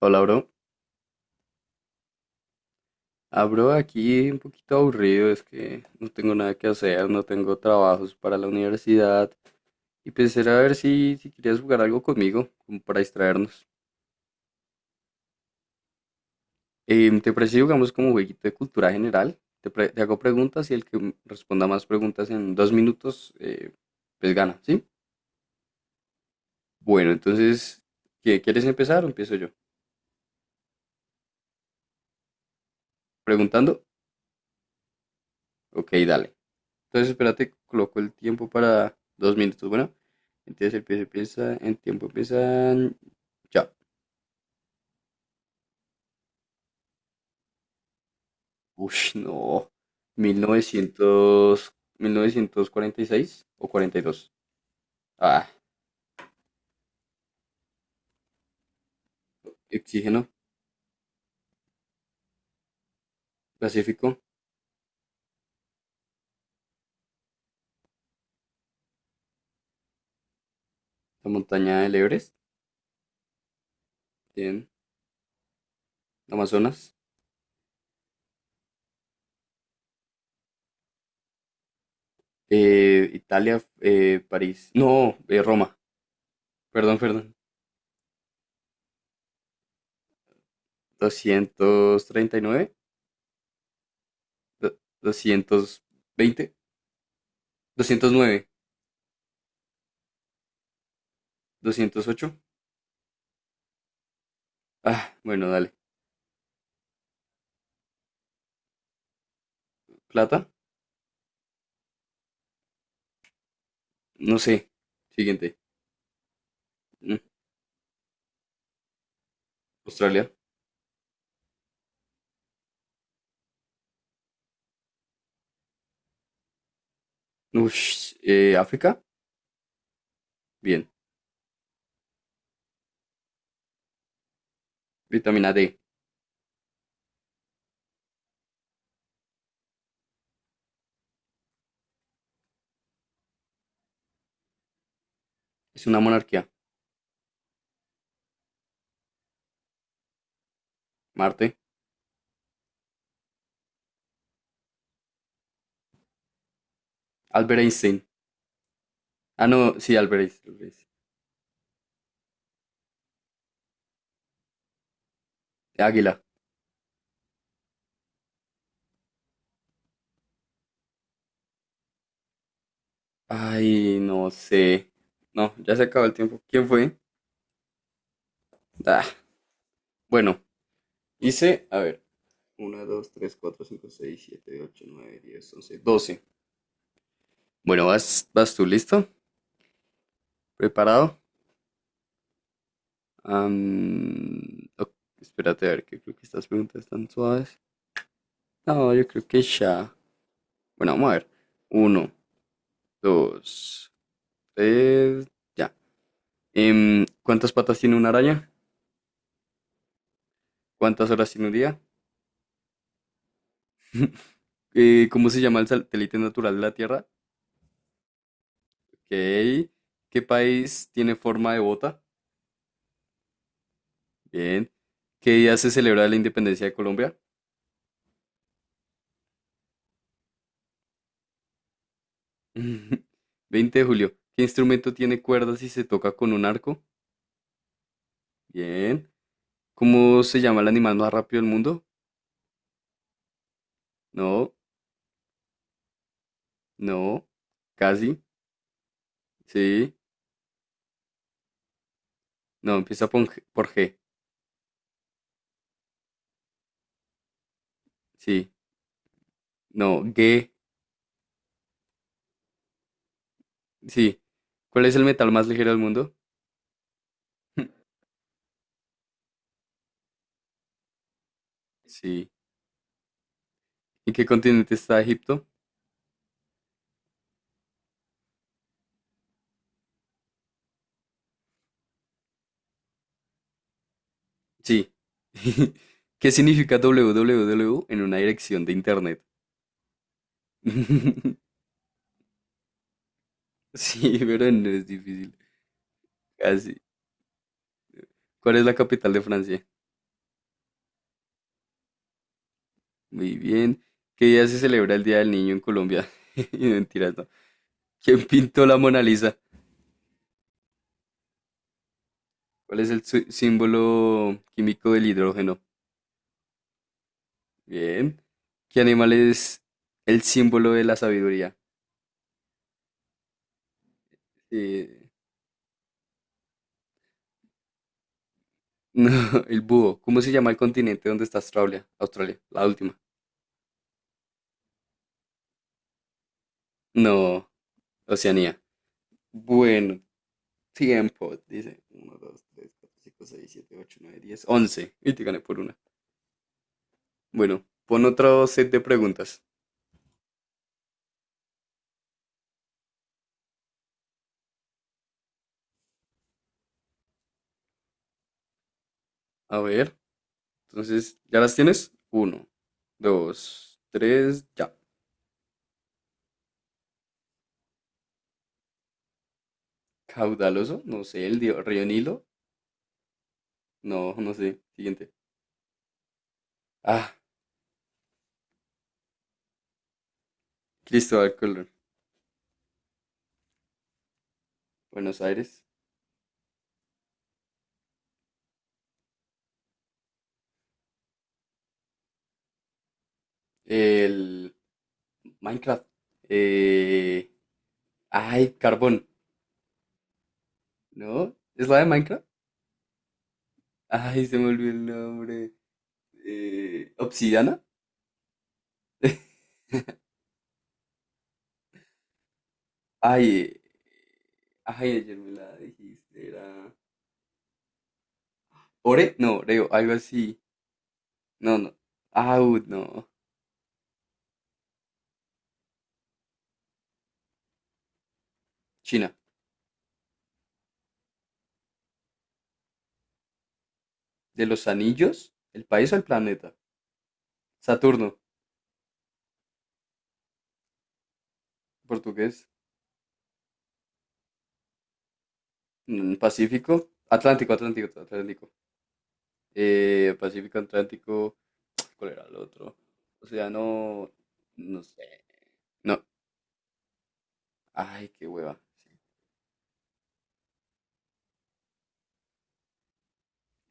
Hola, bro. Ah, bro, aquí un poquito aburrido, es que no tengo nada que hacer, no tengo trabajos para la universidad. Y pensé a ver si querías jugar algo conmigo, como para distraernos. ¿Te parece si jugamos como jueguito de cultura general? Te hago preguntas y el que responda más preguntas en 2 minutos, pues gana, ¿sí? Bueno, entonces, quieres empezar o empiezo yo? ¿Preguntando? Ok, dale. Entonces, espérate, coloco el tiempo para 2 minutos. Bueno, entonces empieza, en tiempo empiezan. Ya. Ush, no. mil mil novecientos mil novecientos cuarenta y seis o cuarenta y dos. Ah, oxígeno. Pacífico. La montaña del Everest. Bien. Amazonas. Italia. París. No, Roma. Perdón, perdón. 239, 220, 209, 208. Ah, bueno, dale. ¿Plata? No sé. Siguiente. Mm, Australia. Ush, África. Bien. Vitamina D. Es una monarquía. Marte. Albert Einstein. Ah, no, sí, Albert Einstein. Albert Einstein. Águila. Ay, no sé. No, ya se acabó el tiempo. ¿Quién fue? Ah, bueno, hice, a ver. Uno, 2, 3, 4, 5, 6, 7, 8, 9, 10, 11, 12. Bueno, vas tú, ¿listo? ¿Preparado? Ok, espérate a ver, que creo que estas preguntas están suaves. No, yo creo que ya. Bueno, vamos a ver. Uno, dos, tres, ya. ¿Cuántas patas tiene una araña? ¿Cuántas horas tiene un día? ¿Cómo se llama el satélite natural de la Tierra? Ok. ¿Qué país tiene forma de bota? Bien. ¿Qué día se celebra la independencia de Colombia? 20 de julio. ¿Qué instrumento tiene cuerdas y se toca con un arco? Bien. ¿Cómo se llama el animal más rápido del mundo? No, no, casi, sí. No, empieza por G. Por G. Sí. No, G. Sí. ¿Cuál es el metal más ligero del mundo? Sí. ¿En qué continente está Egipto? Sí. ¿Qué significa www en una dirección de internet? Sí, pero no es difícil. Casi. ¿Cuál es la capital de Francia? Muy bien. ¿Qué día se celebra el Día del Niño en Colombia? Mentiras, no. ¿Quién pintó la Mona Lisa? ¿Cuál es el símbolo químico del hidrógeno? Bien. ¿Qué animal es el símbolo de la sabiduría? Eh, no, el búho. ¿Cómo se llama el continente donde está Australia? Australia, la última. No, Oceanía. Bueno, tiempo. Dice uno, 2, 3, 4, 5, 6, 7, 8, 9, 10. 11. Y te gané por una. Bueno, pon otro set de preguntas. A ver, entonces, ¿ya las tienes? Uno, dos, tres, ya. Caudaloso, no sé, el río Nilo. No, no sé. Siguiente. Ah, Cristóbal Colón. Buenos Aires. El Minecraft. Eh, ay, Carbón. ¿No? ¿Es la de Minecraft? Ay, se me olvidó el nombre. Obsidiana. Ay, ay, ayer me la dijiste. Era. No, Oreo, algo así. No, no. Ah, no. China. De los anillos, el país o el planeta. Saturno. Portugués. Pacífico. Atlántico, Atlántico, Atlántico. Pacífico, Atlántico. ¿Cuál era el otro? O sea, no, no sé. No, ay, qué hueva. Sí.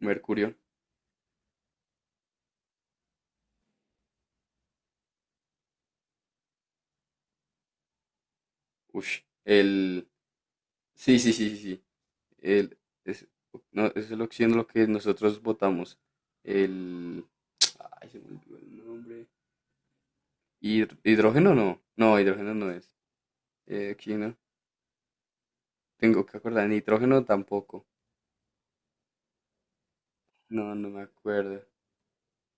Mercurio. Ush. El, sí, sí, sí, sí, sí. El, es, no, es el oxígeno lo que nosotros votamos. El, ay, se me olvidó el nombre. Hidrógeno no. No, hidrógeno no es. Oxígeno. Tengo que acordar. Nitrógeno tampoco. No, no me acuerdo.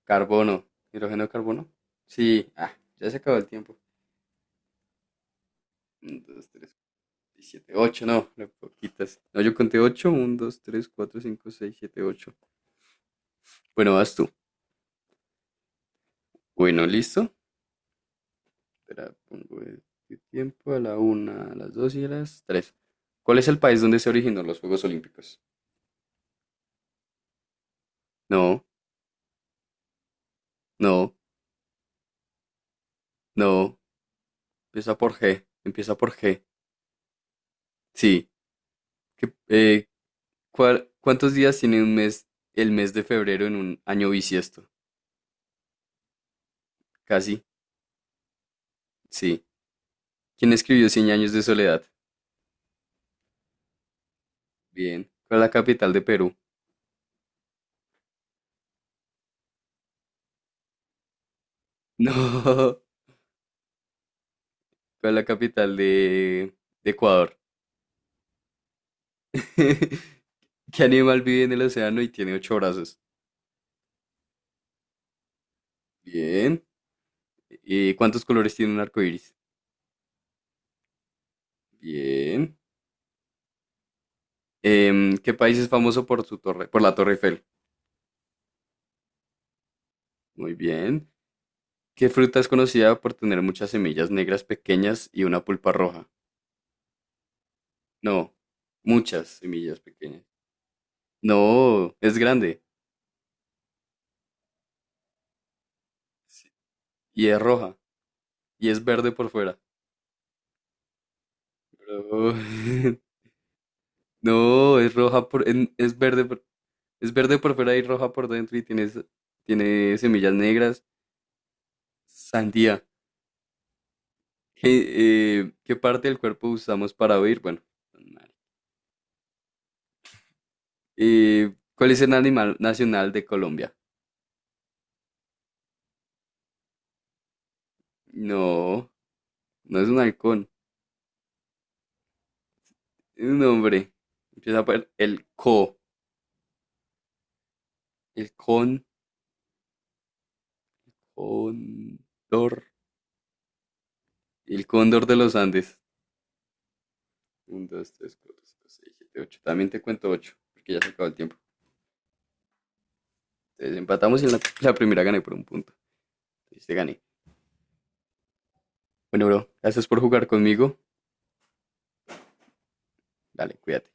Carbono. ¿Hidrógeno, carbono? Sí. Ah, ya se acabó el tiempo. Un, dos, tres. Siete, ocho, no, no, poquitas. No, yo conté ocho. Uno, dos, tres, cuatro, cinco, seis, siete, ocho. Bueno, vas tú. Bueno, listo. Espera, pongo el tiempo a la una, a las 2 y a las tres. ¿Cuál es el país donde se originó los Juegos Olímpicos? No, no, no. Empieza por G. Empieza por G. Sí. ¿Qué- eh, ¿Cuántos días tiene un mes, el mes de febrero en un año bisiesto? Casi. Sí. ¿Quién escribió Cien años de soledad? Bien. ¿Cuál es la capital de Perú? No. ¿Cuál es la capital de Ecuador? ¿Qué animal vive en el océano y tiene ocho brazos? Bien. ¿Y cuántos colores tiene un arco iris? Bien. ¿Qué país es famoso por su torre, por la Torre Eiffel? Muy bien. ¿Qué fruta es conocida por tener muchas semillas negras pequeñas y una pulpa roja? No, muchas semillas pequeñas. No, es grande y es roja y es verde por fuera. Bro, no, es roja por, es verde por. Es verde por fuera y roja por dentro y tiene, tiene semillas negras. Sandía. ¿Qué parte del cuerpo usamos para oír? Bueno, animal. ¿Cuál es el animal nacional de Colombia? No, no es un halcón. Es un hombre. Empieza por el co. El con. Cóndor. El cóndor de los Andes. Uno, dos, tres, cuatro, cinco, seis, siete, ocho. También te cuento ocho, porque ya se acabó el tiempo. Entonces empatamos y en la primera gané por un punto. Entonces te gané. Bueno, bro, gracias por jugar conmigo. Dale, cuídate.